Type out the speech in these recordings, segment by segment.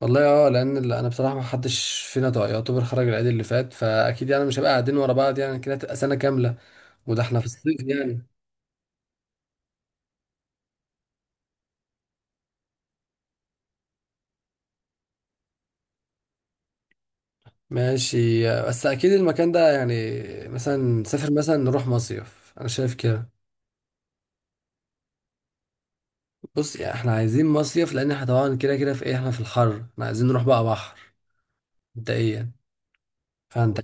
والله، اه، لان انا بصراحه ما حدش فينا يعتبر خرج العيد اللي فات، فاكيد يعني مش هبقى قاعدين ورا بعض يعني كده، هتبقى سنه كامله. وده احنا في الصيف يعني. ماشي، بس اكيد المكان ده يعني مثلا نسافر، مثلا نروح مصيف، انا شايف كده. بص يعني احنا عايزين مصيف، لان احنا طبعا كده كده في ايه، احنا في الحر، احنا عايزين نروح بقى بحر مبدئيا. فانت،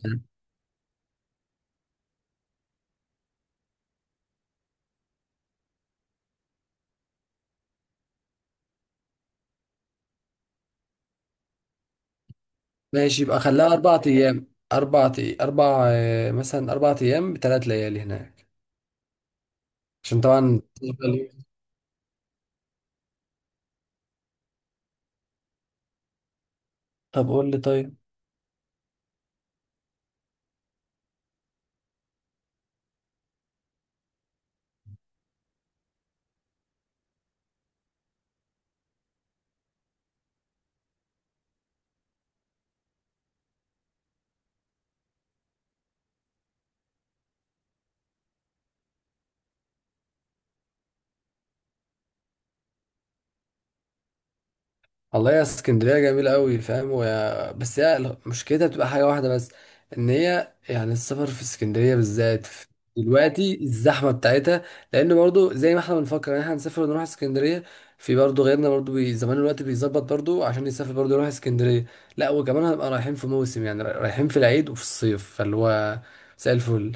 ماشي، يبقى خليها 4 ايام. اربع اربع، مثلا 4 ايام ب3 ليالي هناك عشان طبعا. طب قول لي طيب. والله يا اسكندريه جميله قوي فاهم، بس هي مشكلتها بتبقى حاجه واحده بس، ان هي يعني السفر في اسكندريه بالذات دلوقتي الزحمه بتاعتها، لان برضو زي ما احنا بنفكر ان احنا هنسافر ونروح اسكندريه، في برضو غيرنا برضو زمان الوقت بيظبط برضو عشان يسافر برضو يروح اسكندريه. لا، وكمان هنبقى رايحين في موسم يعني، رايحين في العيد وفي الصيف، فاللو هو زي الفل.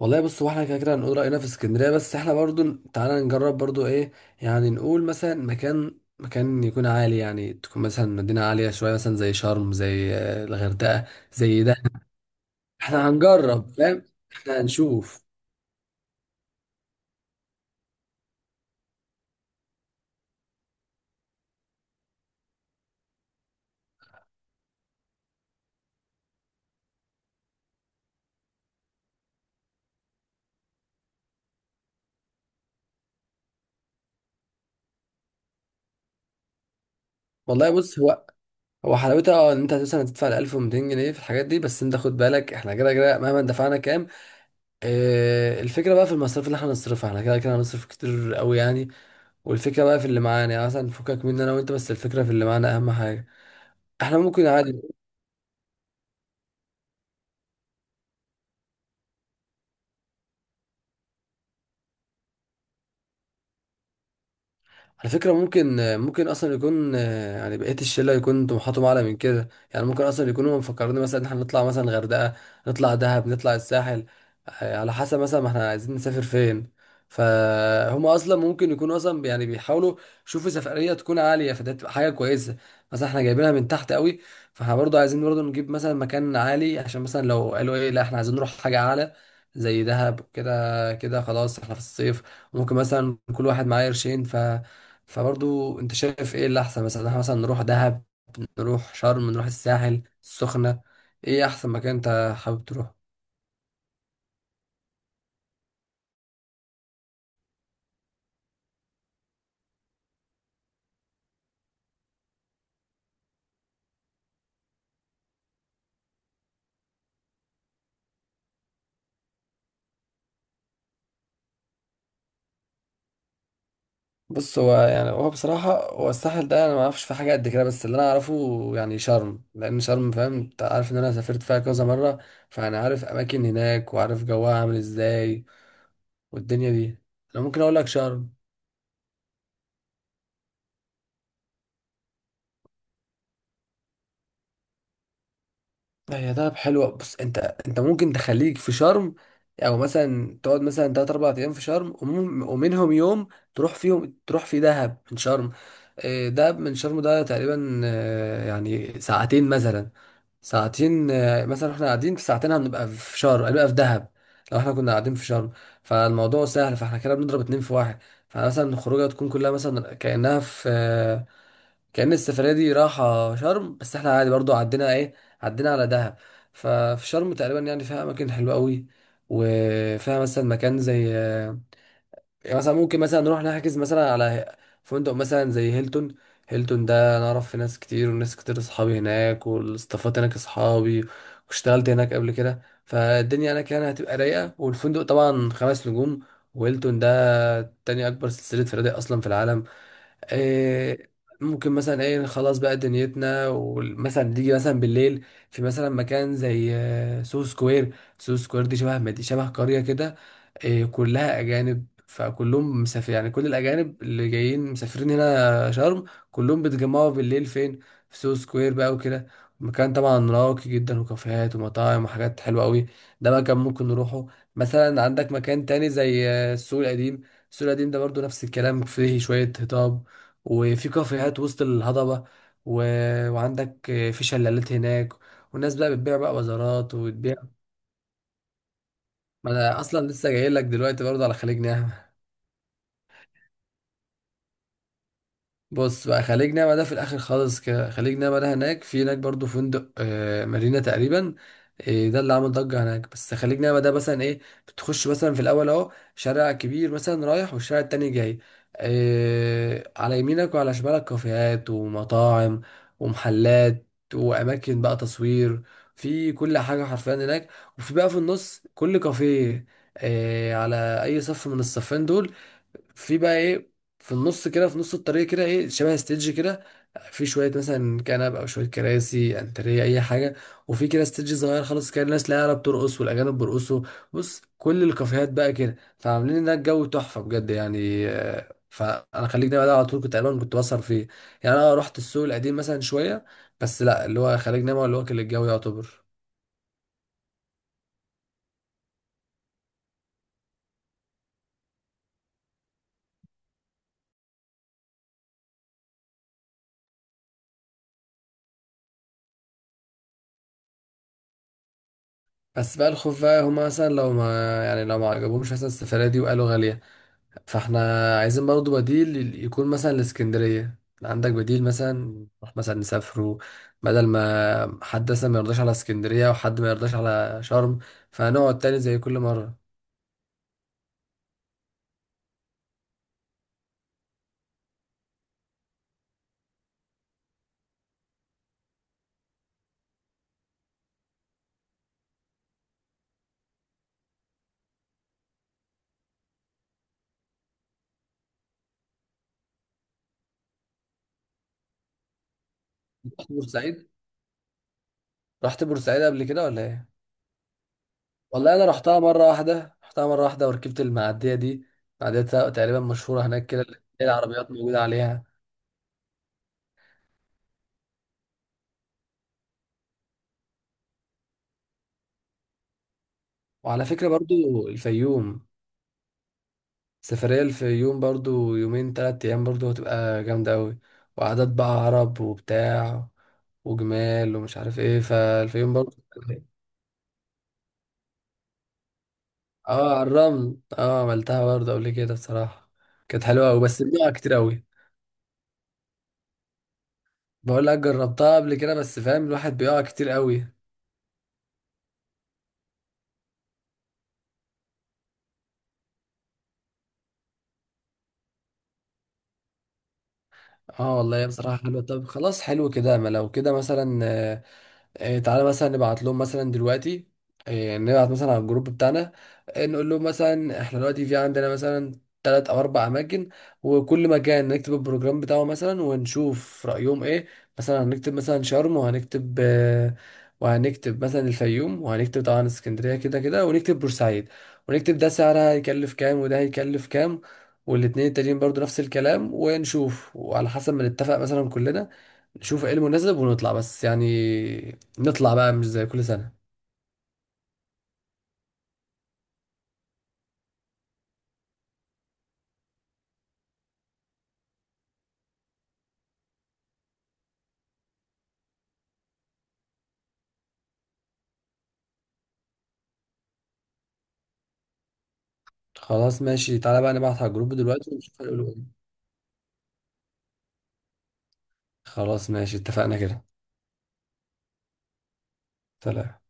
والله بص، هو احنا كده كده هنقول رأينا في اسكندرية، بس احنا برضو تعالى نجرب برضو ايه، يعني نقول مثلا مكان يكون عالي، يعني تكون مثلا مدينة عالية شوية، مثلا زي شرم، زي الغردقة، زي ده. احنا هنجرب فاهم، احنا هنشوف. والله بص هو، هو حلاوتها اه ان انت مثلا هتدفع 1200 جنيه في الحاجات دي، بس انت خد بالك احنا كده كده مهما دفعنا كام. اه، الفكرة بقى في المصاريف اللي احنا هنصرفها، احنا كده كده هنصرف كتير قوي يعني. والفكرة بقى في اللي معانا يعني، مثلا فكك مني انا وانت، بس الفكرة في اللي معانا اهم حاجة. احنا ممكن عادي. على فكرة، ممكن أصلا يكون يعني بقية الشلة يكون طموحاتهم أعلى من كده، يعني ممكن أصلا يكونوا مفكرين مثلا إن إحنا نطلع مثلا غردقة، نطلع دهب، نطلع الساحل. على حسب مثلا ما إحنا عايزين نسافر فين. فهم أصلا ممكن يكونوا أصلا يعني بيحاولوا يشوفوا سفرية تكون عالية، فده تبقى حاجة كويسة. مثلا إحنا جايبينها من تحت قوي، فإحنا برضه عايزين برضه نجيب مثلا مكان عالي، عشان مثلا لو قالوا إيه لا إحنا عايزين نروح حاجة أعلى زي دهب. كده كده خلاص إحنا في الصيف، ممكن مثلا كل واحد معاه قرشين. ف فبرضو انت شايف ايه اللي احسن، مثلا احنا مثلا نروح دهب، نروح شرم، نروح الساحل، السخنة. ايه احسن مكان انت حابب تروح؟ بص، هو يعني هو بصراحة، هو الساحل ده انا ما اعرفش في حاجة قد كده، بس اللي انا اعرفه يعني شرم، لان شرم فاهم انت عارف ان انا سافرت فيها كذا مرة، فانا عارف اماكن هناك وعارف جوها عامل ازاي والدنيا دي. انا ممكن اقول لك شرم. لا، هي دهب حلوة، بص، انت ممكن تخليك في شرم، او مثلا تقعد مثلا 3 4 ايام في شرم، ومنهم يوم تروح فيهم، تروح في دهب من شرم. اه، دهب من شرم ده تقريبا اه، يعني ساعتين مثلا. ساعتين اه، مثلا احنا قاعدين في ساعتين، هنبقى في شرم، هنبقى في دهب لو احنا كنا قاعدين في شرم. فالموضوع سهل، فاحنا كده بنضرب اتنين في واحد. فمثلا الخروجه تكون كلها مثلا كأنها في كأن السفرية دي راحة شرم، بس احنا عادي برضو عدينا ايه، عدينا على دهب. ففي شرم تقريبا يعني فيها أماكن حلوة قوي، وفيها مثلا مكان زي يعني مثلا ممكن مثلا نروح نحجز مثلا على فندق مثلا زي هيلتون. هيلتون ده أنا أعرف في ناس كتير، وناس كتير أصحابي هناك، والاستافات هناك أصحابي، واشتغلت هناك قبل كده، فالدنيا هناك يعني هتبقى رايقة، والفندق طبعا 5 نجوم، وهيلتون ده تاني أكبر سلسلة فنادق أصلا في العالم. إيه، ممكن مثلا ايه خلاص بقى دنيتنا، ومثلا تيجي مثلا بالليل، في مثلا مكان زي سو سكوير. سو سكوير دي شبه شبه قرية كده. كلها أجانب، فكلهم مسافر يعني، كل الأجانب اللي جايين مسافرين هنا شرم كلهم بيتجمعوا بالليل فين؟ في سو سكوير بقى وكده. مكان طبعا راقي جدا، وكافيهات ومطاعم وحاجات حلوة قوي، ده مكان ممكن نروحه. مثلا عندك مكان تاني زي السوق القديم. السوق القديم ده برضو نفس الكلام، فيه شوية هضاب، وفي كافيهات وسط الهضبة، و... وعندك في شلالات هناك، والناس بقى بتبيع بقى وزارات وتبيع. ما انا اصلا لسه جاي لك دلوقتي برضه على خليج نعمة. بص بقى، خليج نعمة ده في الآخر خالص كده، خليج نعمة ده هناك، في هناك برضو فندق آه مارينا تقريبا، آه ده اللي عامل ضجة هناك. بس خليج نعمة ده مثلا إيه، بتخش مثلا في الأول أهو شارع كبير مثلا رايح، والشارع التاني جاي، آه على يمينك وعلى شمالك كافيهات ومطاعم ومحلات وأماكن بقى تصوير، في كل حاجة حرفيا هناك. وفي بقى في النص كل كافيه، آه على أي صف من الصفين دول في بقى ايه، في النص كده، في نص الطريق كده ايه شبه ستيدج كده، في شويه مثلا كنب او شويه كراسي انتريه اي حاجه، وفي كده ستيدج صغير خالص كده، الناس لا عرب بترقص والاجانب بيرقصوا. بص كل الكافيهات بقى كده، فعاملين هناك جو تحفه بجد يعني فانا خليك دايما ده على طول كنت تقريبا كنت بسهر فيه. يعني انا رحت السوق القديم مثلا شويه، بس لا اللي هو خليج نعمة اللي هو كان الجو يعتبر. بس بقى الخوف بقى هما مثلا لو ما، يعني لو ما عجبهمش مثلا السفرية دي وقالوا غالية، فاحنا عايزين برضه بديل، يكون مثلا لاسكندرية عندك بديل، مثلا نروح مثلا نسافروا، بدل ما حد مثلا ما يرضاش على اسكندرية وحد ما يرضاش على شرم، فهنقعد تاني زي كل مرة. رحت بورسعيد؟ رحت بورسعيد قبل كده ولا ايه؟ والله انا رحتها مرة واحدة، رحتها مرة واحدة وركبت المعدية دي. معدية تقريبا مشهورة هناك كده، اللي هي العربيات موجودة عليها. وعلى فكرة برضو الفيوم، سفرية الفيوم برضو يومين 3 أيام، برضو هتبقى جامدة أوي، وعادات بقى عرب وبتاع، وجمال ومش عارف ايه، فالفيوم برضو. اه على الرمل، اه عملتها برضو قبل كده بصراحة، كانت حلوة أوي بس بيقع كتير أوي. بقول لك جربتها قبل كده، بس فاهم الواحد بيقع كتير أوي. اه والله، هي بصراحة حلوة. طب خلاص، حلو كده، ما لو كده مثلا تعالى مثلا نبعت لهم مثلا دلوقتي، يعني نبعت مثلا على الجروب بتاعنا، نقول لهم مثلا احنا دلوقتي في عندنا مثلا 3 او 4 اماكن، وكل مكان نكتب البروجرام بتاعه مثلا، ونشوف رأيهم ايه. مثلا هنكتب مثلا شرم، وهنكتب وهنكتب مثلا الفيوم، وهنكتب طبعا اسكندرية كده كده، ونكتب بورسعيد، ونكتب ده سعرها هيكلف كام وده هيكلف كام، والاتنين التانيين برضو نفس الكلام، ونشوف وعلى حسب ما نتفق مثلا كلنا، نشوف ايه المناسب، ونطلع بس يعني، نطلع بقى مش زي كل سنة. خلاص ماشي، تعالى بقى نبعت على الجروب دلوقتي ونشوف هيقولوا ايه. خلاص ماشي، اتفقنا كده. سلام.